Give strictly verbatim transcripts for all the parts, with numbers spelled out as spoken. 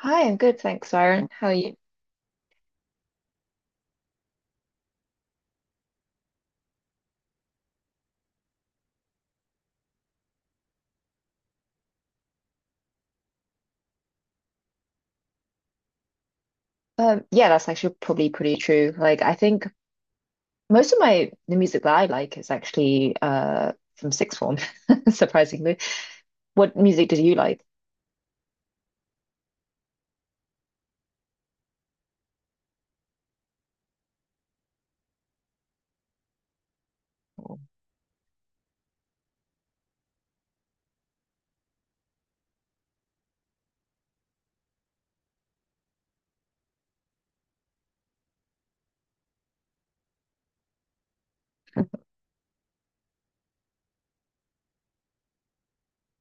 Hi, I'm good, thanks, Siren. How are you? Um, yeah, that's actually probably pretty true. Like, I think most of my the music that I like is actually uh from sixth form, surprisingly. What music did you like?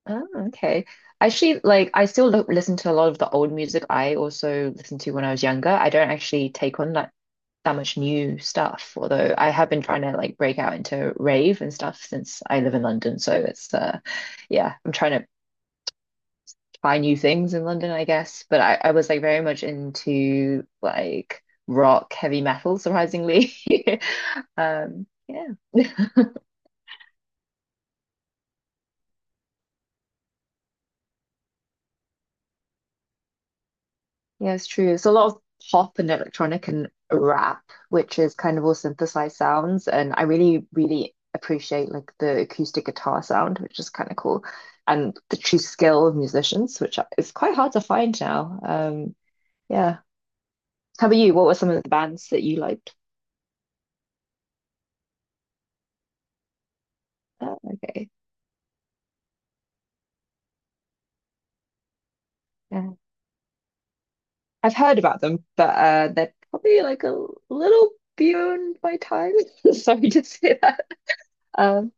Oh, okay. Actually, like I still lo listen to a lot of the old music I also listened to when I was younger. I don't actually take on that that much new stuff, although I have been trying to like break out into rave and stuff since I live in London. So it's uh yeah, I'm trying to try new things in London, I guess. But I, I was like very much into like rock, heavy metal, surprisingly. Um, yeah. Yeah, it's true. It's a lot of pop and electronic and rap, which is kind of all synthesized sounds. And I really, really appreciate like the acoustic guitar sound, which is kind of cool. And the true skill of musicians, which is quite hard to find now. Um, yeah. How about you? What were some of the bands that you liked? Oh, okay. Yeah. I've heard about them, but uh, they're probably like a little beyond my time. Sorry to say that. Um,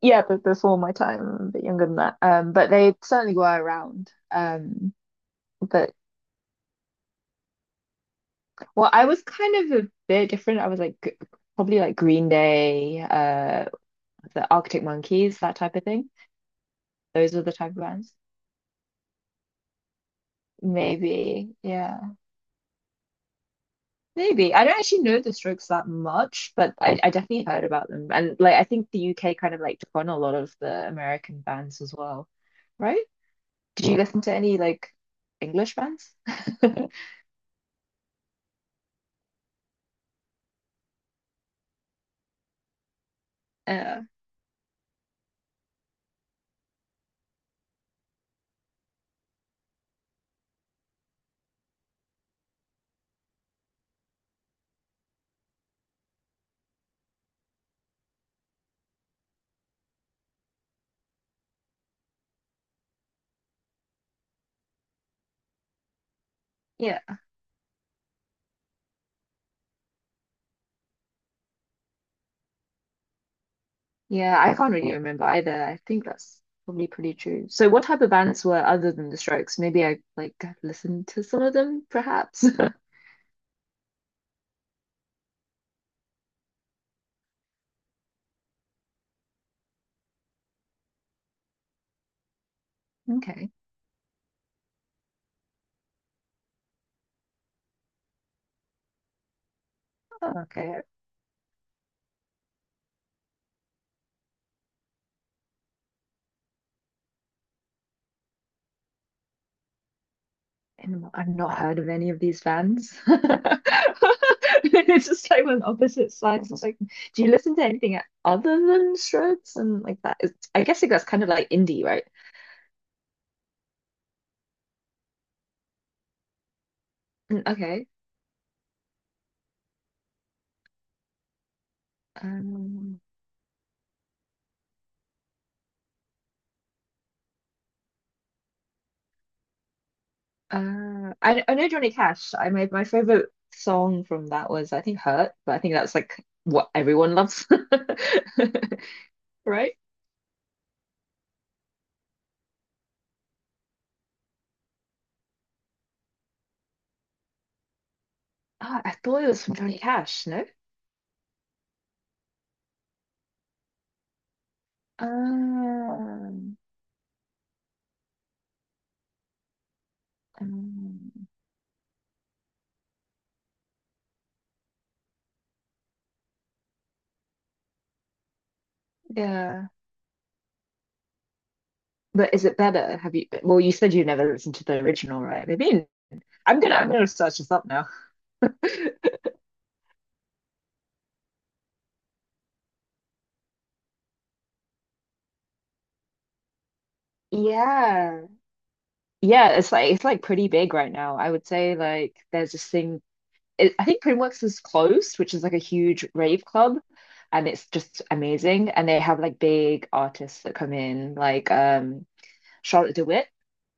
yeah, but before my time, a bit younger than that. Um, but they certainly were around. Um, but Well, I was kind of a bit different. I was like g- Probably like Green Day, uh, the Arctic Monkeys, that type of thing. Those were the type of bands. Maybe, yeah. Maybe. I don't actually know the Strokes that much, but I, I definitely heard about them. And like I think the U K kind of like took on a lot of the American bands as well, right? Did you listen to any like English bands? Uh, yeah. Yeah, I can't really remember either. I think that's probably pretty true. So what type of bands were other than the Strokes? Maybe I like listened to some of them, perhaps. Okay. Oh, okay. And I've not heard of any of these bands. It's just like on opposite sides. It's like, do you listen to anything other than Shreds and like that? Is, I guess like that's kind of like indie, right? Mm, okay. Um, uh, I I know Johnny Cash. I My my favorite song from that was I think Hurt, but I think that's like what everyone loves, right? Ah, I thought it was from Johnny Cash. No. Um, um, yeah. But is it better? Have you? Well, you said you never listened to the original, right? I mean, I'm gonna I'm gonna search this up now. Yeah. Yeah, it's like it's like pretty big right now. I would say like there's this thing. It, I think Primworks is closed, which is like a huge rave club, and it's just amazing. And they have like big artists that come in, like um Charlotte DeWitt.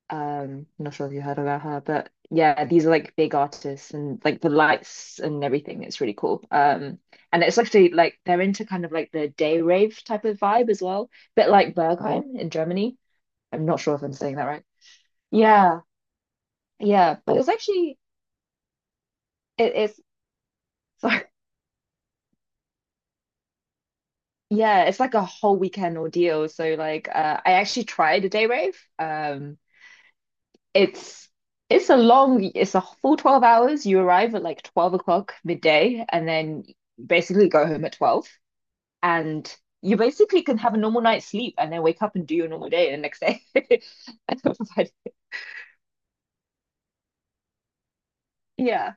Um, I'm not sure if you heard about her, but yeah, these are like big artists and like the lights and everything. It's really cool. Um, and it's actually like they're into kind of like the day rave type of vibe as well, bit like Berghain in Germany. I'm not sure if I'm saying that right. Yeah, yeah, but it's actually it, it's sorry. Yeah, it's like a whole weekend ordeal. So like, uh, I actually tried a day rave. Um, It's it's a long, it's a full twelve hours. You arrive at like twelve o'clock midday and then basically go home at twelve. And you basically can have a normal night's sleep and then wake up and do your normal day the next day. But yeah,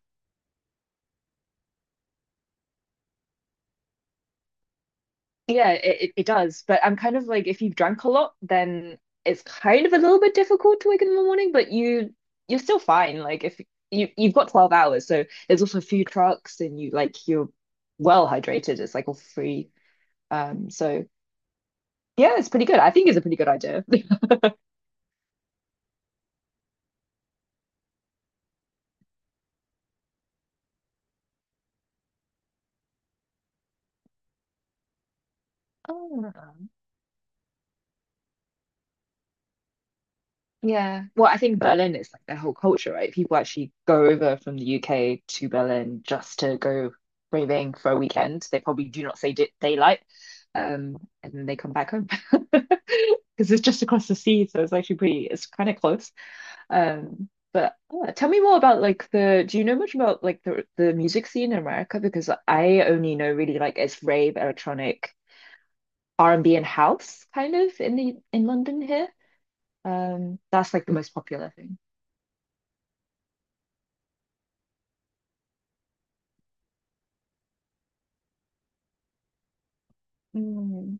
yeah, it, it it does. But I'm kind of like, if you've drank a lot, then it's kind of a little bit difficult to wake up in the morning, but you you're still fine. Like if you you've got twelve hours, so there's also food trucks and you like you're well hydrated. It's like all free. Um, so Yeah, it's pretty good. I think it's a pretty good idea. Oh, yeah. Well, I think Berlin is like their whole culture, right? People actually go over from the U K to Berlin just to go raving for a weekend. They probably do not say day daylight, um, and then they come back home because it's just across the sea, so it's actually pretty. It's kind of close. Um, but uh, tell me more about like the. Do you know much about like the the music scene in America? Because I only know really like it's rave, electronic, R and B and B and house kind of in the in London here. Um, that's like the most popular thing. Mm,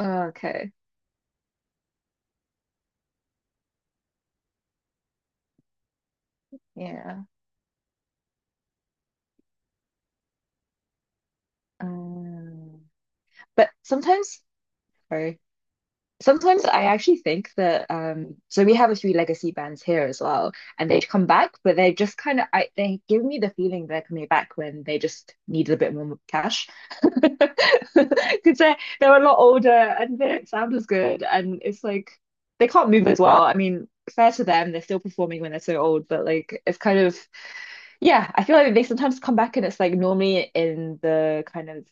Okay, yeah. Um, but sometimes, sorry, sometimes I actually think that um so we have a few legacy bands here as well, and they'd come back, but they just kind of, I they give me the feeling they're coming back when they just needed a bit more cash because they're they're a lot older and they don't sound as good, and it's like they can't move as well. I mean, fair to them, they're still performing when they're so old, but like it's kind of yeah, I feel like they sometimes come back, and it's like normally in the kind of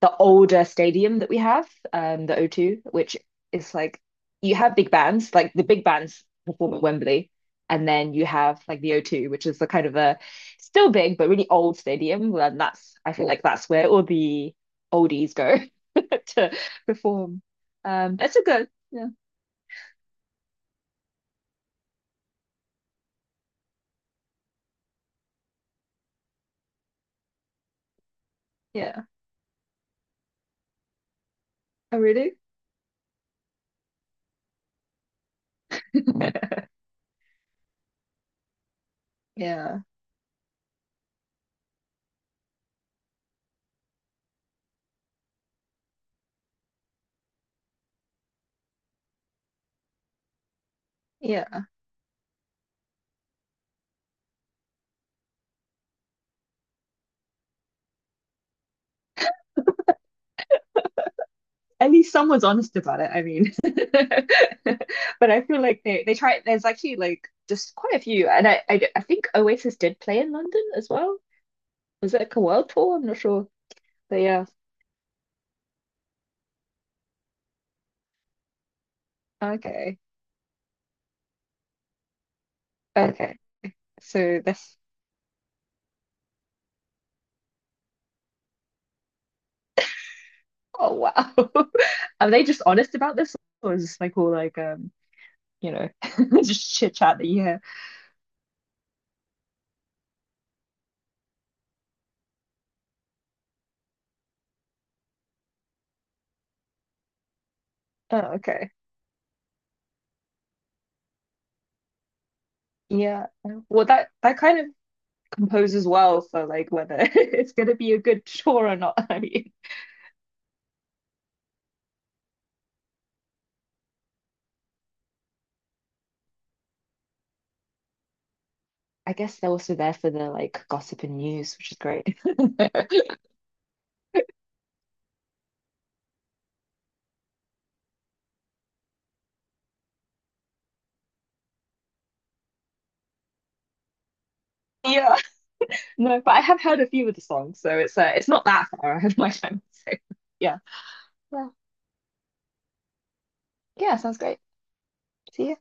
the older stadium that we have, um, the O two, which is like you have big bands, like the big bands perform at Wembley, and then you have like the O two, which is the kind of a still big but really old stadium. well, And that's, I feel like that's where all the oldies go to perform. Um, it's a good, yeah, yeah. Oh, really? Yeah, yeah. At least someone's honest about it. I mean, but I feel like they they try. There's actually like just quite a few, and I, I I think Oasis did play in London as well. Was it like a world tour? I'm not sure. But yeah, okay, okay. So this. Oh wow, are they just honest about this, or is this like all like um you know just chit chat that you hear? Oh okay, yeah. Well, that that kind of composes well for like whether it's gonna be a good tour or not. I mean. I guess they're also there for the like gossip and news, which is great. Yeah, no, but I have heard a few of the songs, so it's uh, it's not that far. I have my time. So yeah, yeah, yeah, sounds great. See you.